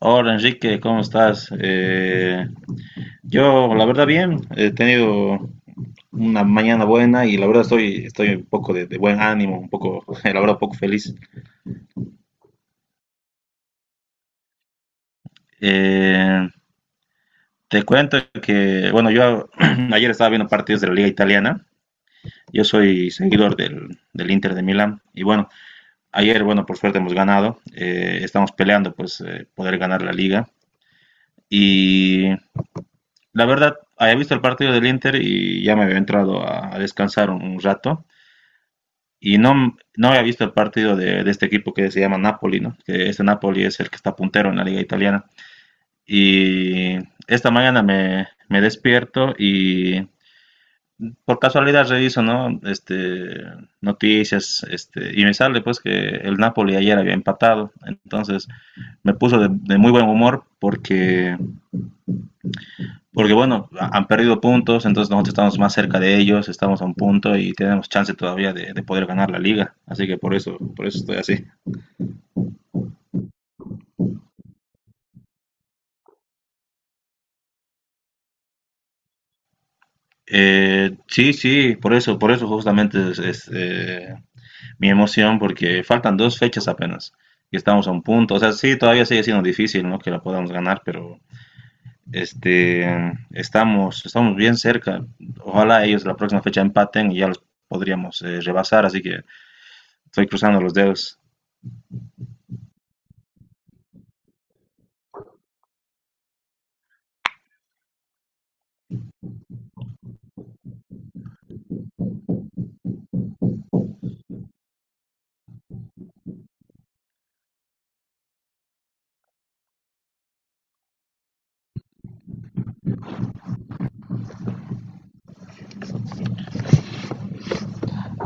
Hola Enrique, ¿cómo estás? Yo, la verdad, bien, he tenido una mañana buena y la verdad estoy un poco de buen ánimo, un poco, la verdad, un poco feliz. Eh, Te cuento que, bueno, yo ayer estaba viendo partidos de la Liga Italiana. Yo soy seguidor del Inter de Milán y bueno, ayer, bueno, por suerte hemos ganado. Estamos peleando pues poder ganar la liga. Y la verdad, había visto el partido del Inter y ya me había entrado a descansar un rato. Y no, no había visto el partido de este equipo que se llama Napoli, ¿no? Que este Napoli es el que está puntero en la liga italiana. Y esta mañana me despierto y por casualidad reviso, ¿no? Noticias, y me sale pues que el Napoli ayer había empatado. Entonces me puso de muy buen humor porque bueno, han perdido puntos, entonces nosotros estamos más cerca de ellos, estamos a un punto y tenemos chance todavía de poder ganar la liga. Así que por eso estoy así. Sí, sí, por eso justamente mi emoción, porque faltan dos fechas apenas y estamos a un punto. O sea, sí, todavía sigue siendo difícil, ¿no? Que la podamos ganar, pero este, estamos bien cerca. Ojalá ellos la próxima fecha empaten y ya los podríamos rebasar, así que estoy cruzando los dedos.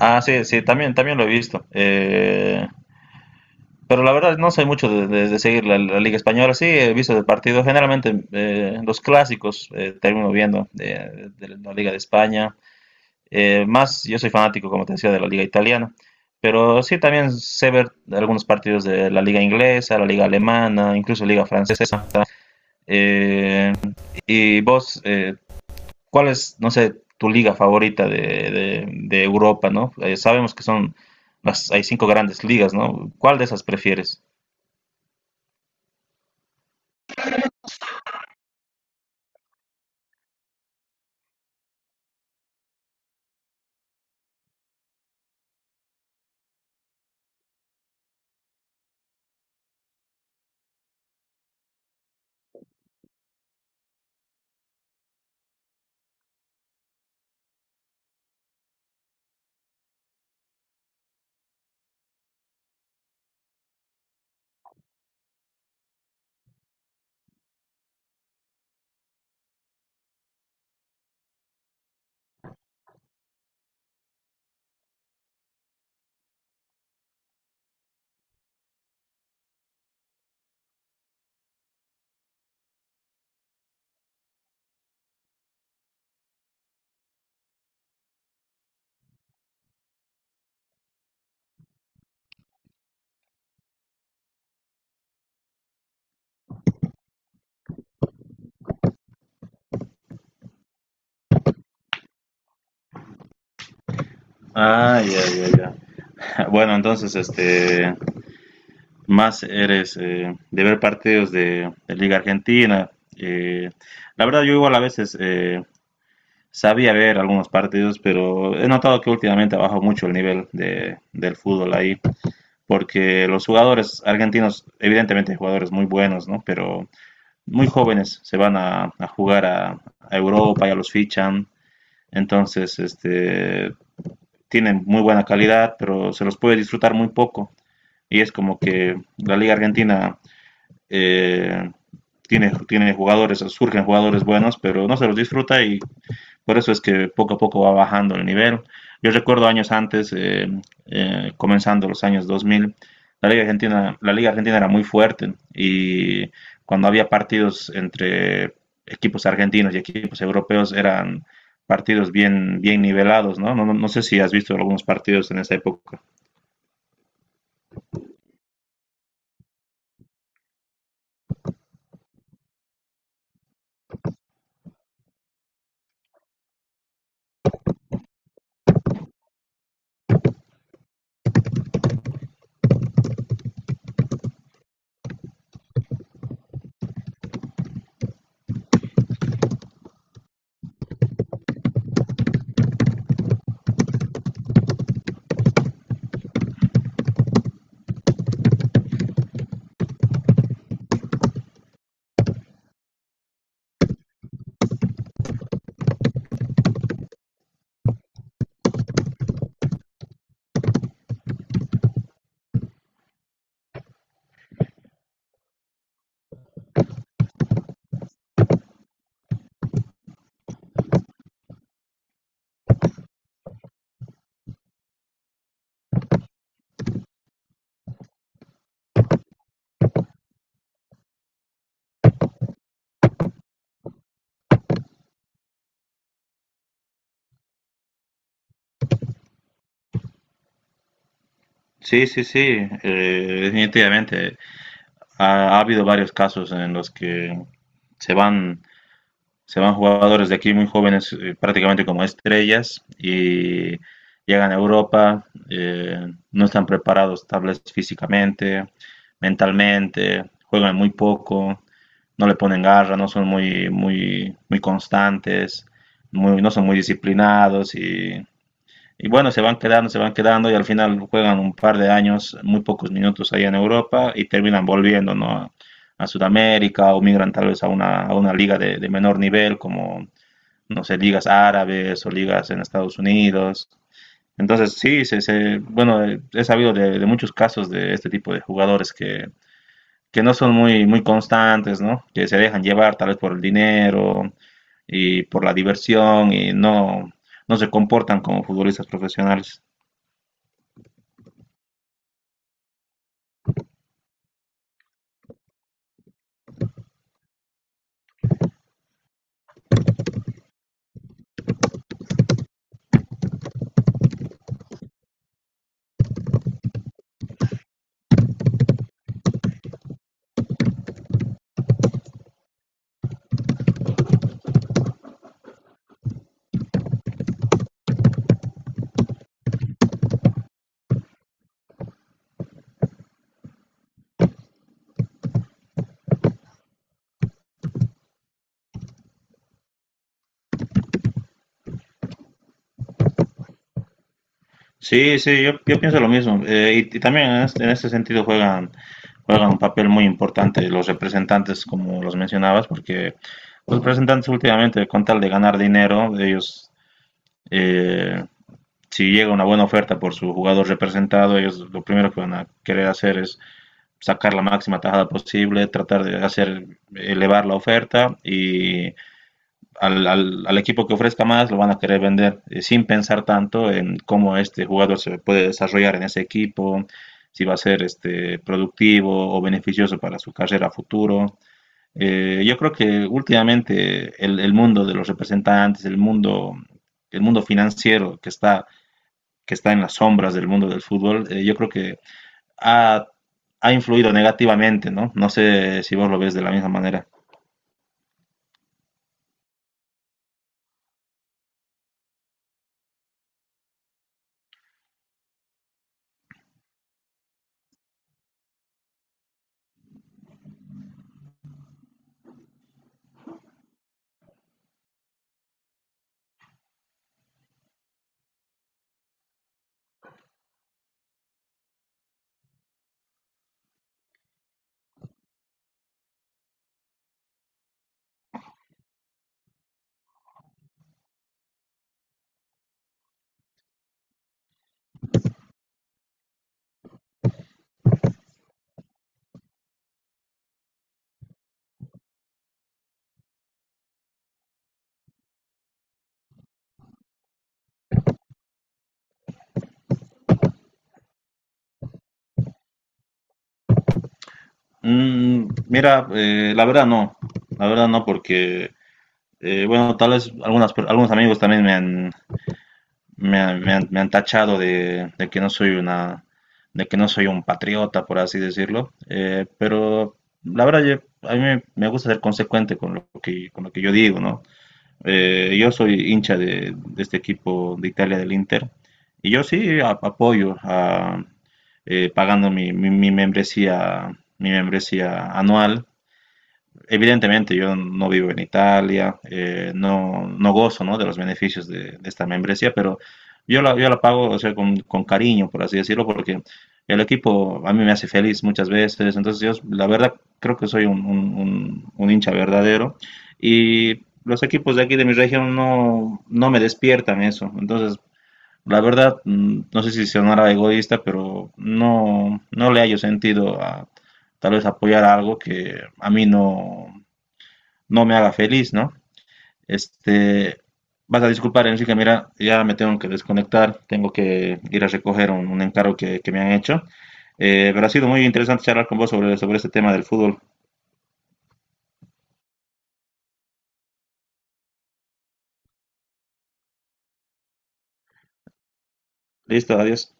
Ah, sí, sí, también, también lo he visto. Pero la verdad no soy mucho de seguir la Liga Española. Sí, he visto el partido. Generalmente los clásicos termino viendo de la Liga de España. Más, yo soy fanático, como te decía, de la Liga Italiana. Pero sí, también sé ver algunos partidos de la Liga Inglesa, la Liga Alemana, incluso Liga Francesa. Eh, ¿Y vos, cuál es, no sé, tu liga favorita de, de Europa, ¿no? Sabemos que son hay cinco grandes ligas, ¿no? ¿Cuál de esas prefieres? Ah, ya, ya, ya. Bueno, entonces, más eres de ver partidos de Liga Argentina. Eh, la verdad, yo igual a veces sabía ver algunos partidos, pero he notado que últimamente ha bajado mucho el nivel del fútbol ahí, porque los jugadores argentinos, evidentemente, hay jugadores muy buenos, ¿no? Pero muy jóvenes se van a jugar a Europa, ya los fichan, entonces este, tienen muy buena calidad, pero se los puede disfrutar muy poco. Y es como que la Liga Argentina eh, tiene jugadores, surgen jugadores buenos, pero no se los disfruta y por eso es que poco a poco va bajando el nivel. Yo recuerdo años antes, comenzando los años 2000, la Liga Argentina era muy fuerte y cuando había partidos entre equipos argentinos y equipos europeos eran partidos bien, bien nivelados, ¿no? No, no, no sé si has visto algunos partidos en esa época. Sí, sí, sí, definitivamente. Ha habido varios casos en los que se van se van jugadores de aquí muy jóvenes, prácticamente como estrellas, y llegan a Europa. eh, no están preparados tal vez físicamente, mentalmente, juegan muy poco, no le ponen garra, no son muy, muy constantes, no son muy disciplinados y bueno, se van quedando y al final juegan un par de años, muy pocos minutos allá en Europa y terminan volviendo, ¿no? A Sudamérica o migran tal vez a una liga de menor nivel como, no sé, ligas árabes o ligas en Estados Unidos. Entonces, sí, bueno, he sabido de muchos casos de este tipo de jugadores que no son muy, muy constantes, ¿no? Que se dejan llevar tal vez por el dinero y por la diversión y no, no se comportan como futbolistas profesionales. Sí, sí, yo pienso lo mismo. Y, y también en este sentido juegan un papel muy importante los representantes, como los mencionabas, porque los representantes últimamente, con tal de ganar dinero, eh, si llega una buena oferta por su jugador representado, ellos lo primero que van a querer hacer es sacar la máxima tajada posible, tratar de hacer elevar la oferta y al equipo que ofrezca más lo van a querer vender sin pensar tanto en cómo este jugador se puede desarrollar en ese equipo, si va a ser este, productivo o beneficioso para su carrera a futuro. Yo creo que últimamente mundo de los representantes, el mundo financiero que está en las sombras del mundo del fútbol. Yo creo que ha, ha influido negativamente, ¿no? No sé si vos lo ves de la misma manera. Mira, la verdad no, porque, bueno, tal vez algunas, per- algunos amigos también me han, me han tachado de que no soy una, de que no soy un patriota, por así decirlo. Pero la verdad a mí me gusta ser consecuente con lo que yo digo, ¿no? Yo soy hincha de este equipo de Italia, del Inter, y yo sí apoyo pagando mi, mi membresía anual. Evidentemente, yo no vivo en Italia. No, no gozo, ¿no? de los beneficios de esta membresía, pero yo la pago, o sea, con cariño, por así decirlo, porque el equipo a mí me hace feliz muchas veces. Entonces, yo, la verdad, creo que soy un hincha verdadero. Y los equipos de aquí de mi región no, no me despiertan eso. Entonces, la verdad, mm, no sé si sonará egoísta, pero no, no le hallo sentido a tal vez apoyar algo que a mí no, no me haga feliz, ¿no? Este, vas a disculpar, Enrique, mira, ya me tengo que desconectar, tengo que ir a recoger un encargo que me han hecho. Pero ha sido muy interesante charlar con vos sobre, sobre este tema del fútbol. Listo, adiós.